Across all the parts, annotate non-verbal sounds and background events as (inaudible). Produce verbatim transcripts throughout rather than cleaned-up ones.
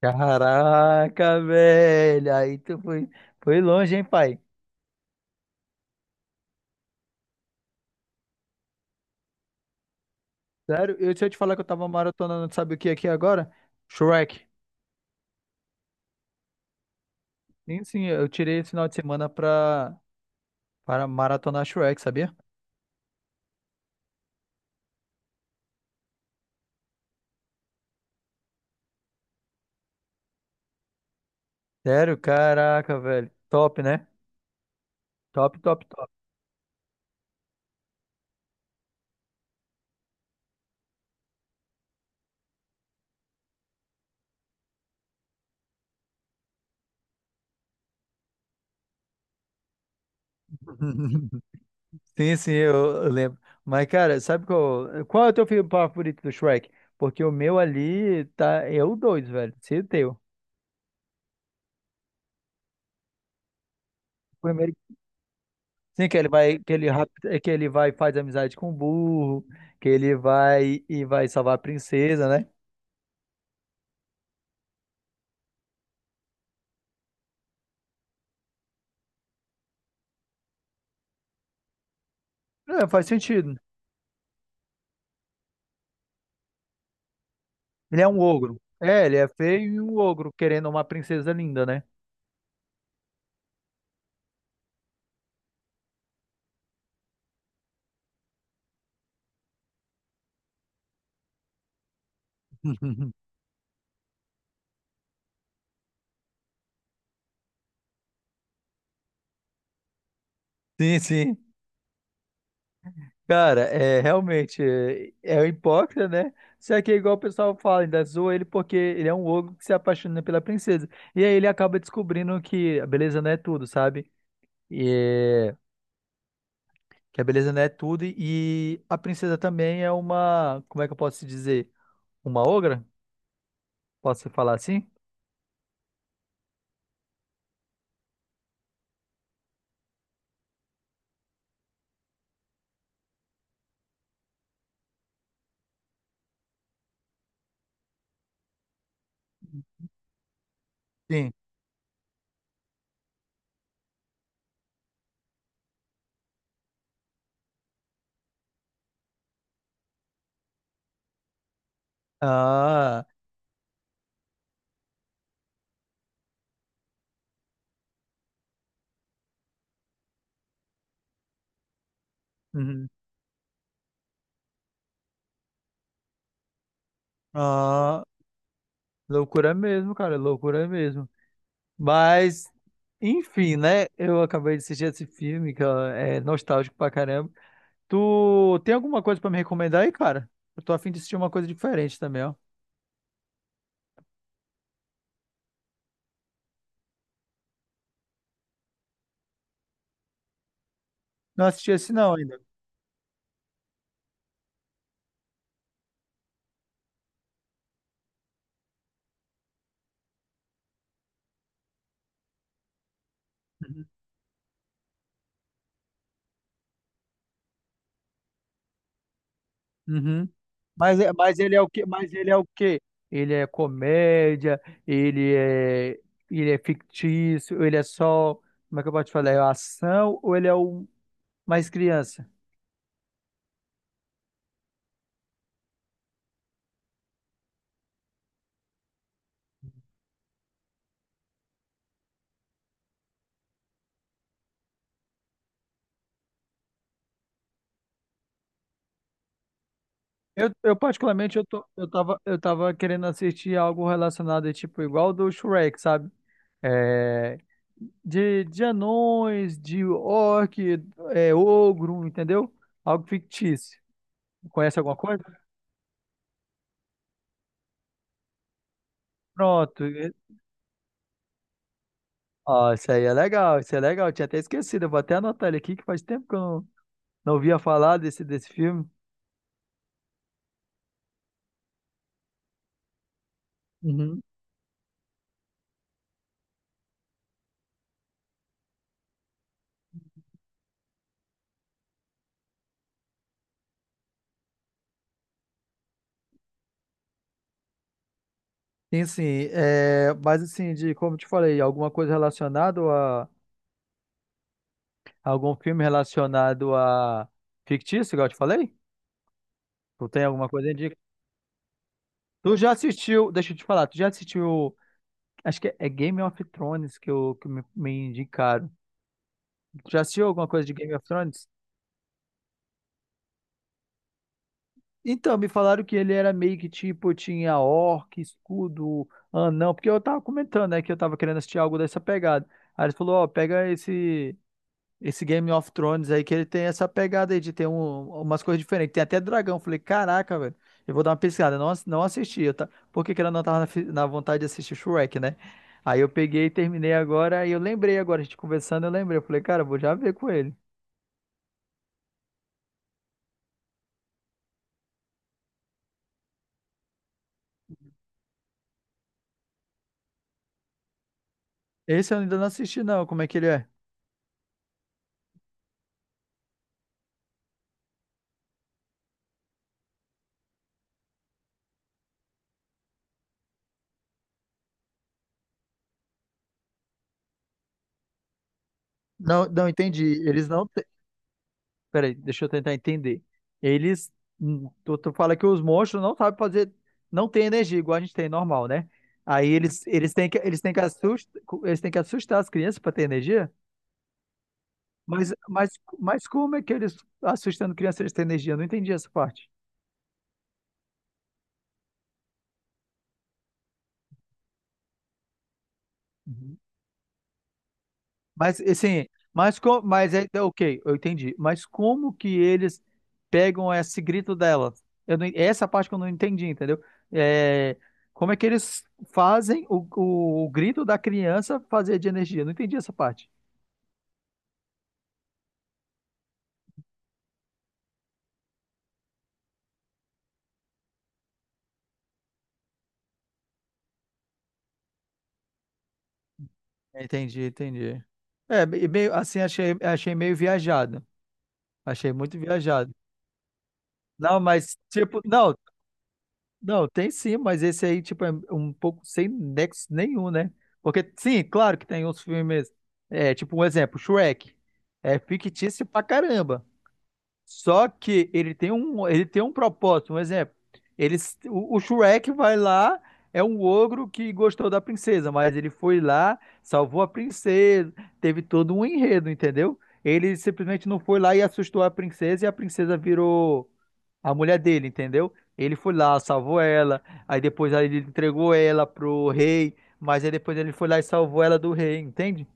Caraca, velho. Aí tu foi, foi longe, hein, pai? Sério, eu, se eu te falar que eu tava maratonando, sabe o que aqui agora? Shrek. Sim, sim, eu tirei esse final de semana pra, para maratonar Shrek, sabia? Sério, caraca, velho. Top, né? Top, top, top. (laughs) Sim, sim, eu, eu lembro. Mas, cara, sabe qual, qual é o teu filme favorito do Shrek? Porque o meu ali tá, é o dois, velho. Se o teu. O primeiro. Sim, que ele vai, que ele, rap- que ele vai e faz amizade com o burro, que ele vai e vai salvar a princesa, né? É, faz sentido. Ele é um ogro. É, ele é feio e um ogro querendo uma princesa linda, né? (laughs) Sim, sim. Cara, é realmente é, é um hipócrita, né? Só que é igual o pessoal fala, ainda zoa ele porque ele é um ogro que se apaixona pela princesa. E aí ele acaba descobrindo que a beleza não é tudo, sabe? E é. Que a beleza não é tudo e a princesa também é uma, como é que eu posso dizer? Uma ogra? Posso falar assim? Sim. Ah, uhum. Ah, loucura mesmo, cara, loucura mesmo. Mas, enfim, né? Eu acabei de assistir esse filme que ó, é nostálgico pra caramba. Tu tem alguma coisa pra me recomendar aí, cara? Eu tô a fim de assistir uma coisa diferente também, ó. Não assisti esse não ainda. Uhum. Uhum. Mas, é- mas ele é o quê? Mas ele é o quê? Ele é comédia, ele é, ele é fictício, ele é só, como é que eu posso te falar? É ação ou ele é um mais criança? Eu, eu particularmente, eu, tô, eu tava, eu tava querendo assistir algo relacionado, é tipo, igual do Shrek, sabe? É, de, de anões, de orc, é, ogro, entendeu? Algo fictício. Conhece alguma coisa? Pronto. É, ó, isso aí é legal, isso é legal. Eu tinha até esquecido. Eu vou até anotar ele aqui, que faz tempo que eu não, não ouvia falar desse, desse filme. Uhum. Sim, sim. É, mas assim, de como eu te falei, alguma coisa relacionada a, algum filme relacionado a fictício, igual eu te falei? Tu tem alguma coisa aí de. Tu já assistiu, deixa eu te falar, tu já assistiu. Acho que é, é Game of Thrones que, eu, que me, me indicaram. Tu já assistiu alguma coisa de Game of Thrones? Então, me falaram que ele era meio que tipo, tinha orc, escudo, anão, porque eu tava comentando, né, que eu tava querendo assistir algo dessa pegada. Aí ele falou, ó, pega esse esse Game of Thrones aí, que ele tem essa pegada aí de ter um- umas coisas diferentes. Tem até dragão. Eu Falei, caraca, velho, eu vou dar uma pesquisada. Eu Não, ass- não assisti, eu tá... porque que ela não tava na, fi- na vontade de assistir Shrek, né? Aí eu peguei e terminei agora, e eu lembrei agora, a gente conversando, eu lembrei. Eu falei, cara, eu vou já ver com ele. Esse eu ainda não assisti, não, como é que ele é? Não, não entendi. Eles não. Peraí, deixa eu tentar entender. Eles. hum, Tu, tu fala que os monstros não sabem fazer. Não tem energia igual a gente tem normal, né? Aí eles, eles têm que, eles têm que assustar, eles têm que assustar as crianças para ter energia? Mas, mas, mas como é que eles, assustando crianças, eles têm energia? Eu não entendi essa parte. Mas assim, mas co- mas é é ok, eu entendi. Mas como que eles pegam esse grito dela? Eu não- Essa parte que eu não entendi, entendeu? É, como é que eles fazem o, o, o grito da criança fazer de energia? Eu não entendi essa parte. Entendi, entendi. É, me- meio assim, achei, achei meio viajado. Achei muito viajado. Não, mas tipo, não, não, tem sim, mas esse aí, tipo, é um pouco sem nexo nenhum, né? Porque, sim, claro que tem uns filmes, é, tipo, um exemplo, Shrek. É fictício pra caramba. Só que ele tem um, ele tem um, propósito, um exemplo. Eles, o, o Shrek vai lá, é um ogro que gostou da princesa, mas ele foi lá, salvou a princesa, teve todo um enredo, entendeu? Ele simplesmente não foi lá e assustou a princesa e a princesa virou a mulher dele, entendeu? Ele foi lá, salvou ela, aí depois aí ele entregou ela pro rei, mas aí depois ele foi lá e salvou ela do rei, entende?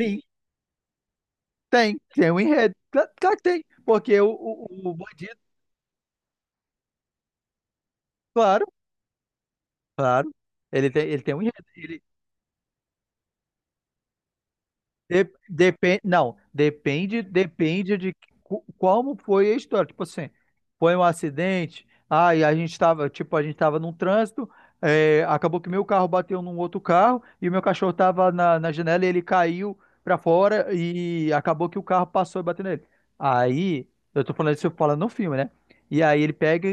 Sim. Tem, tem um enredo. Cla- Claro que tem, porque o, o, o bandido, claro, claro, ele tem, ele tem um enredo. De- depen- não, depende, depende de cu- como foi a história. Tipo assim, foi um acidente, aí a gente estava, tipo, a gente estava num trânsito, é, acabou que meu carro bateu num outro carro e o meu cachorro estava na, na janela e ele caiu para fora e acabou que o carro passou e bateu nele. Aí, eu tô falando isso, eu falo no filme, né? E aí ele pega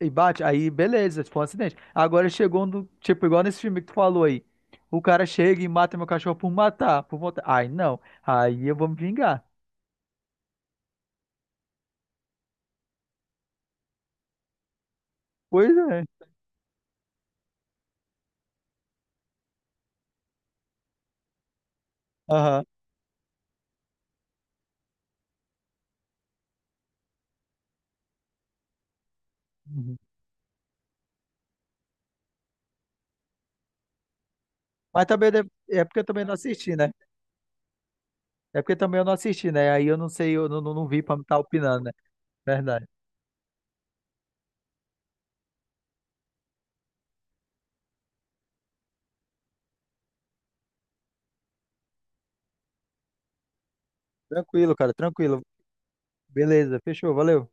e bate, aí beleza, tipo um acidente. Agora chegou um do, tipo, igual nesse filme que tu falou aí. O cara chega e mata meu cachorro por matar, por matar. Ai, não. Aí eu vou me vingar. Pois é. Aham. Uhum. Mas também deve- é porque eu também não assisti, né? É porque também eu não assisti, né? Aí eu não sei, eu não, não, não vi pra me estar opinando, né? Verdade. Tranquilo, cara, tranquilo. Beleza, fechou, valeu.